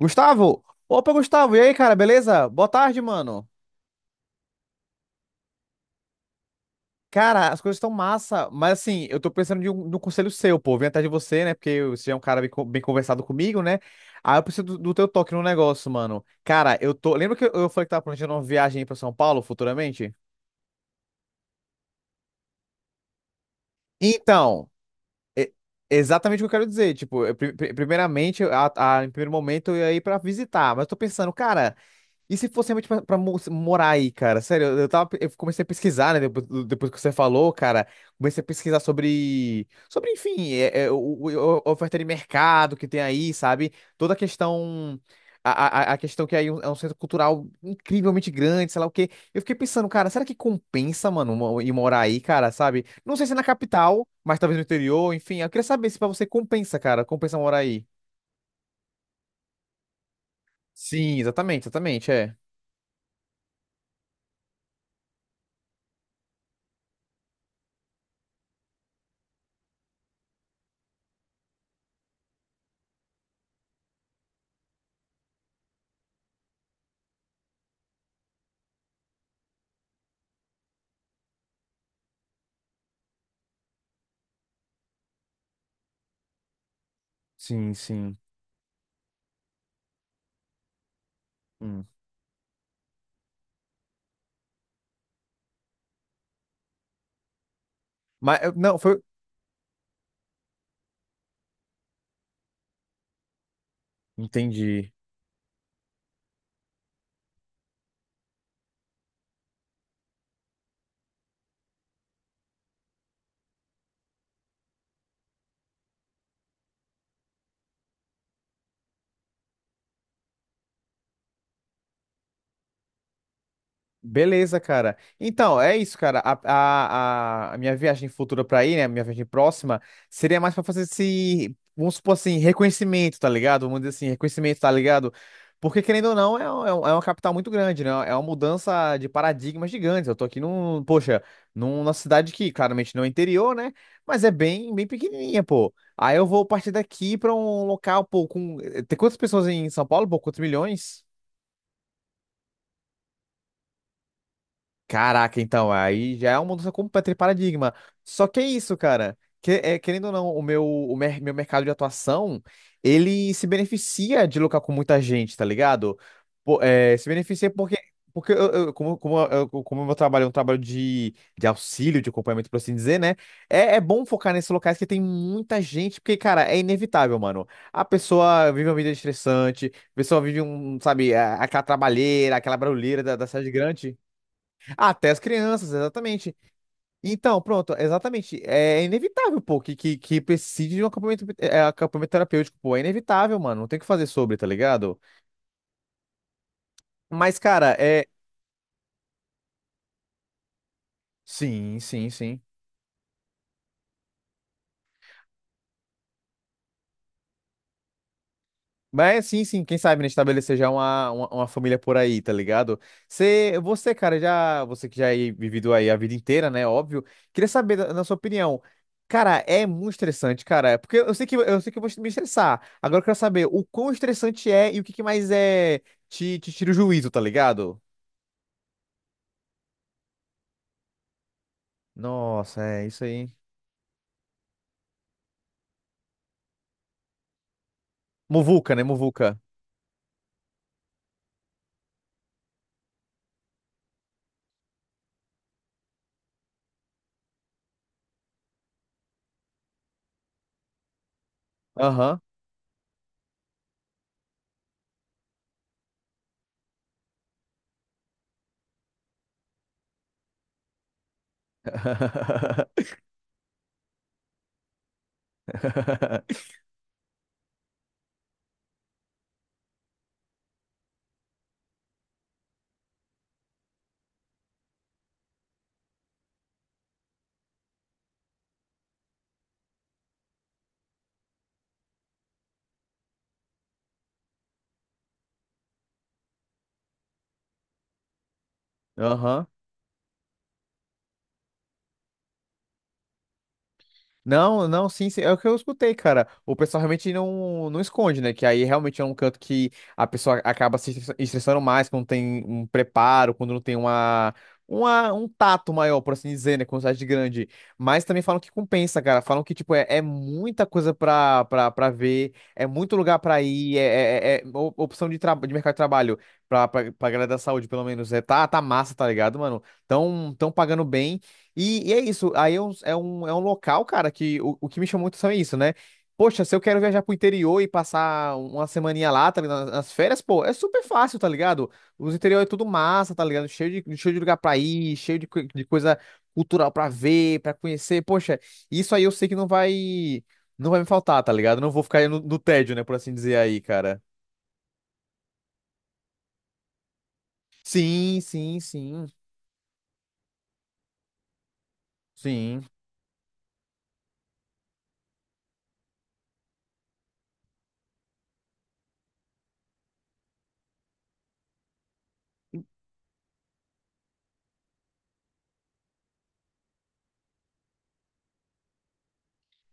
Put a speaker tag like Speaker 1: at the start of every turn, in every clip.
Speaker 1: Gustavo! Opa, Gustavo! E aí, cara, beleza? Boa tarde, mano. Cara, as coisas estão massa, mas assim, eu tô pensando de um conselho seu, pô. Vim atrás de você, né? Porque você é um cara bem, bem conversado comigo, né? Aí eu preciso do teu toque no negócio, mano. Cara, eu tô. Lembra que eu falei que tava planejando uma viagem aí pra São Paulo futuramente? Então, é exatamente o que eu quero dizer. Tipo, primeiramente, em primeiro momento, eu ia ir pra visitar, mas eu tô pensando, cara. E se fosse realmente pra morar aí, cara? Sério, eu tava, eu comecei a pesquisar, né? Depois que você falou, cara, comecei a pesquisar enfim, a oferta de mercado que tem aí, sabe? Toda a questão, a questão que aí é um centro cultural incrivelmente grande, sei lá o quê. Eu fiquei pensando, cara, será que compensa, mano, ir morar aí, cara, sabe? Não sei se é na capital, mas talvez no interior, enfim. Eu queria saber se pra você compensa, cara, compensa morar aí. Sim, exatamente, é. Sim, sim. Mas não, foi. Entendi. Beleza, cara. Então, é isso, cara. A minha viagem futura pra aí, né? Minha viagem próxima, seria mais pra fazer esse, vamos supor assim, reconhecimento, tá ligado? Vamos dizer assim, reconhecimento, tá ligado? Porque, querendo ou não, é uma capital muito grande, né? É uma mudança de paradigma gigante. Eu tô aqui num, poxa, numa cidade que claramente não é interior, né? Mas é bem pequenininha, pô. Aí eu vou partir daqui pra um local, pô, com. Tem quantas pessoas em São Paulo, pô? Quantos milhões? Caraca, então, aí já é uma mudança completa de paradigma. Só que é isso, cara. Querendo ou não, o meu, o mer- meu mercado de atuação, ele se beneficia de lucrar com muita gente, tá ligado? Se beneficia porque, porque como o meu trabalho é um trabalho de auxílio, de acompanhamento, por assim dizer, né? É, é bom focar nesses locais que tem muita gente, porque, cara, é inevitável, mano. A pessoa vive uma vida estressante, a pessoa vive um, sabe, aquela trabalheira, aquela barulheira da cidade grande. Até as crianças, exatamente. Então, pronto, exatamente. É inevitável, pô, que precise de um acampamento, é, acampamento terapêutico, pô. É inevitável, mano. Não tem o que fazer sobre, tá ligado? Mas, cara, é. Sim, sim, sim. Mas sim, sim, quem sabe, né, estabelecer já uma família por aí, tá ligado? Você, cara, já, você que já aí vivido aí a vida inteira, né, óbvio, queria saber da sua opinião. Cara, é muito estressante, cara, porque eu sei que eu vou me estressar. Agora eu quero saber o quão estressante é e o que que mais é te tira o juízo, tá ligado? Nossa, é isso aí. Muvuca, né, muvuca. Aham. Aham. Não, não, sim, sim, é o que eu escutei, cara. O pessoal realmente não esconde, né? Que aí realmente é um canto que a pessoa acaba se estressa- estressando mais quando tem um preparo, quando não tem um tato maior, por assim dizer, né? Com cidade grande. Mas também falam que compensa, cara. Falam que, tipo, é, é muita coisa pra ver, é muito lugar pra ir, opção de, de mercado de trabalho pra galera da saúde, pelo menos. É, tá, tá massa, tá ligado, mano? Tão pagando bem. E é isso, aí é um, é um local, cara, que o que me chamou muito atenção é isso, né? Poxa, se eu quero viajar pro interior e passar uma semaninha lá, tá ligado? Nas férias, pô, é super fácil, tá ligado? Os interiores é tudo massa, tá ligado? Cheio de lugar pra ir, cheio de, de coisa cultural pra ver, pra conhecer. Poxa, isso aí eu sei que não vai me faltar, tá ligado? Não vou ficar no, no tédio, né, por assim dizer aí, cara. Sim, sim, sim, sim.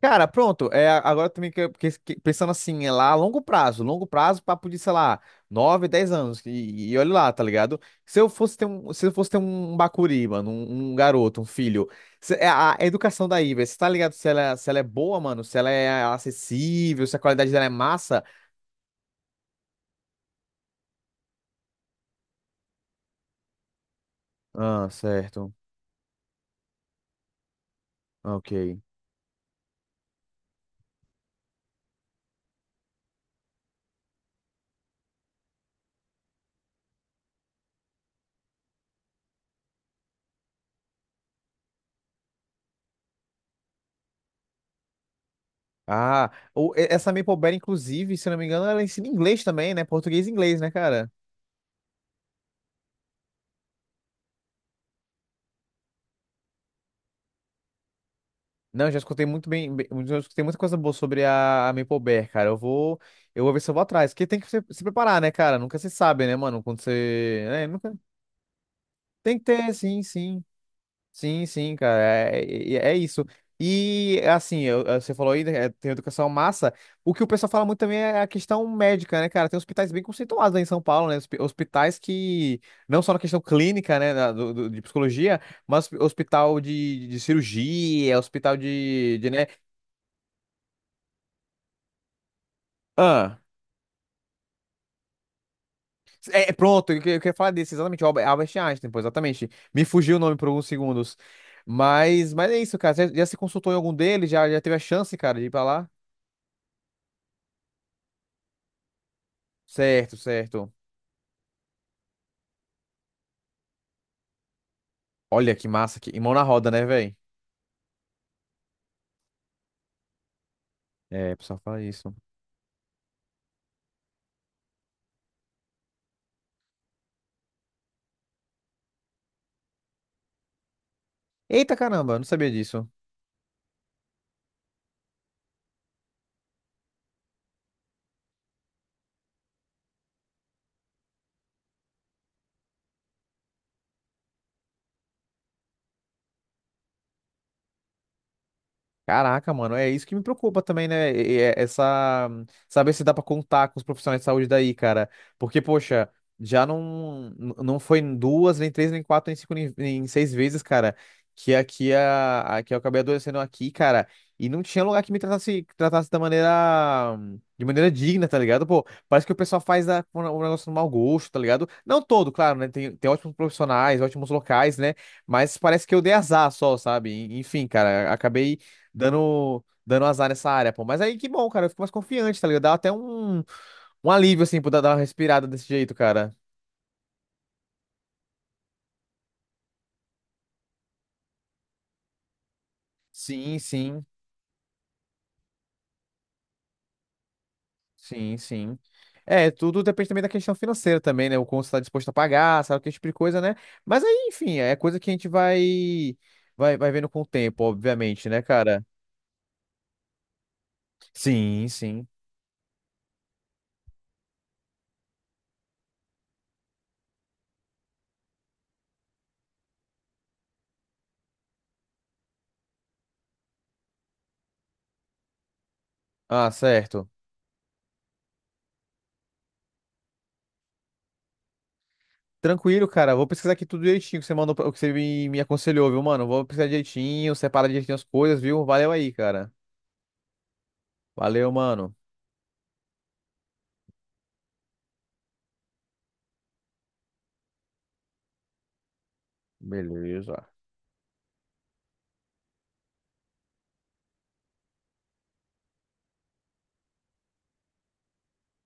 Speaker 1: Cara, pronto. É, agora também que, pensando assim, é lá a longo prazo, papo de, sei lá, 9 10 anos. E olha lá, tá ligado? Se eu fosse ter um, se eu fosse ter um Bacuri, mano, um garoto, um filho, é a educação daí, velho, você tá ligado se ela, é, se ela é boa, mano, se ela é acessível, se a qualidade dela é massa. Ah, certo. Ok. Ah, essa Maple Berry, inclusive, se não me engano, ela ensina inglês também, né? Português e inglês, né, cara? Não, já escutei muito já escutei muita coisa boa sobre a Maple Bear, cara. Eu vou ver se eu vou atrás, porque tem que se preparar, né, cara? Nunca se sabe, né, mano? Quando você, né, nunca tem que ter, sim, sim, sim, sim, cara. É isso. E assim, você falou aí, né, é, tem educação massa. O que o pessoal fala muito também é a questão médica, né, cara? Tem hospitais bem conceituados aí em São Paulo, né? Hospitais que não só na questão clínica, né, de psicologia, mas hospital de cirurgia, hospital né? Ah. É, é, pronto, eu, eu queria falar disso, exatamente, o Albert Einstein, pô, exatamente. Me fugiu o nome por alguns segundos. Mas é isso, cara. Já se consultou em algum deles? Já teve a chance, cara, de ir pra lá? Certo, certo. Olha que massa, que e mão na roda, né, velho? É, o pessoal fala isso. Eita caramba, eu não sabia disso. Caraca, mano, é isso que me preocupa também, né? Essa saber se dá pra contar com os profissionais de saúde daí, cara. Porque, poxa, já não n- não foi em duas, nem três, nem quatro, nem cinco, nem seis vezes, cara, que aqui a que eu acabei adoecendo aqui, cara, e não tinha lugar que tratasse da maneira de maneira digna, tá ligado? Pô, parece que o pessoal faz a, um negócio no mau gosto, tá ligado? Não todo, claro, né? Tem ótimos profissionais, ótimos locais, né? Mas parece que eu dei azar só, sabe? Enfim, cara, acabei dando azar nessa área, pô. Mas aí que bom, cara. Eu fico mais confiante, tá ligado? Dá até um, um alívio, assim, por dar uma respirada desse jeito, cara. Sim, sim, sim, sim. É, tudo depende também da questão financeira também, né? O quanto você tá disposto a pagar, sabe, que tipo de coisa, né? Mas aí, enfim, é coisa que a gente vai vendo com o tempo, obviamente, né, cara? Sim, sim. Ah, certo. Tranquilo, cara. Vou pesquisar aqui tudo direitinho que você mandou, o que você me aconselhou, viu, mano? Vou pesquisar direitinho, separar direitinho as coisas, viu? Valeu aí, cara. Valeu, mano. Beleza.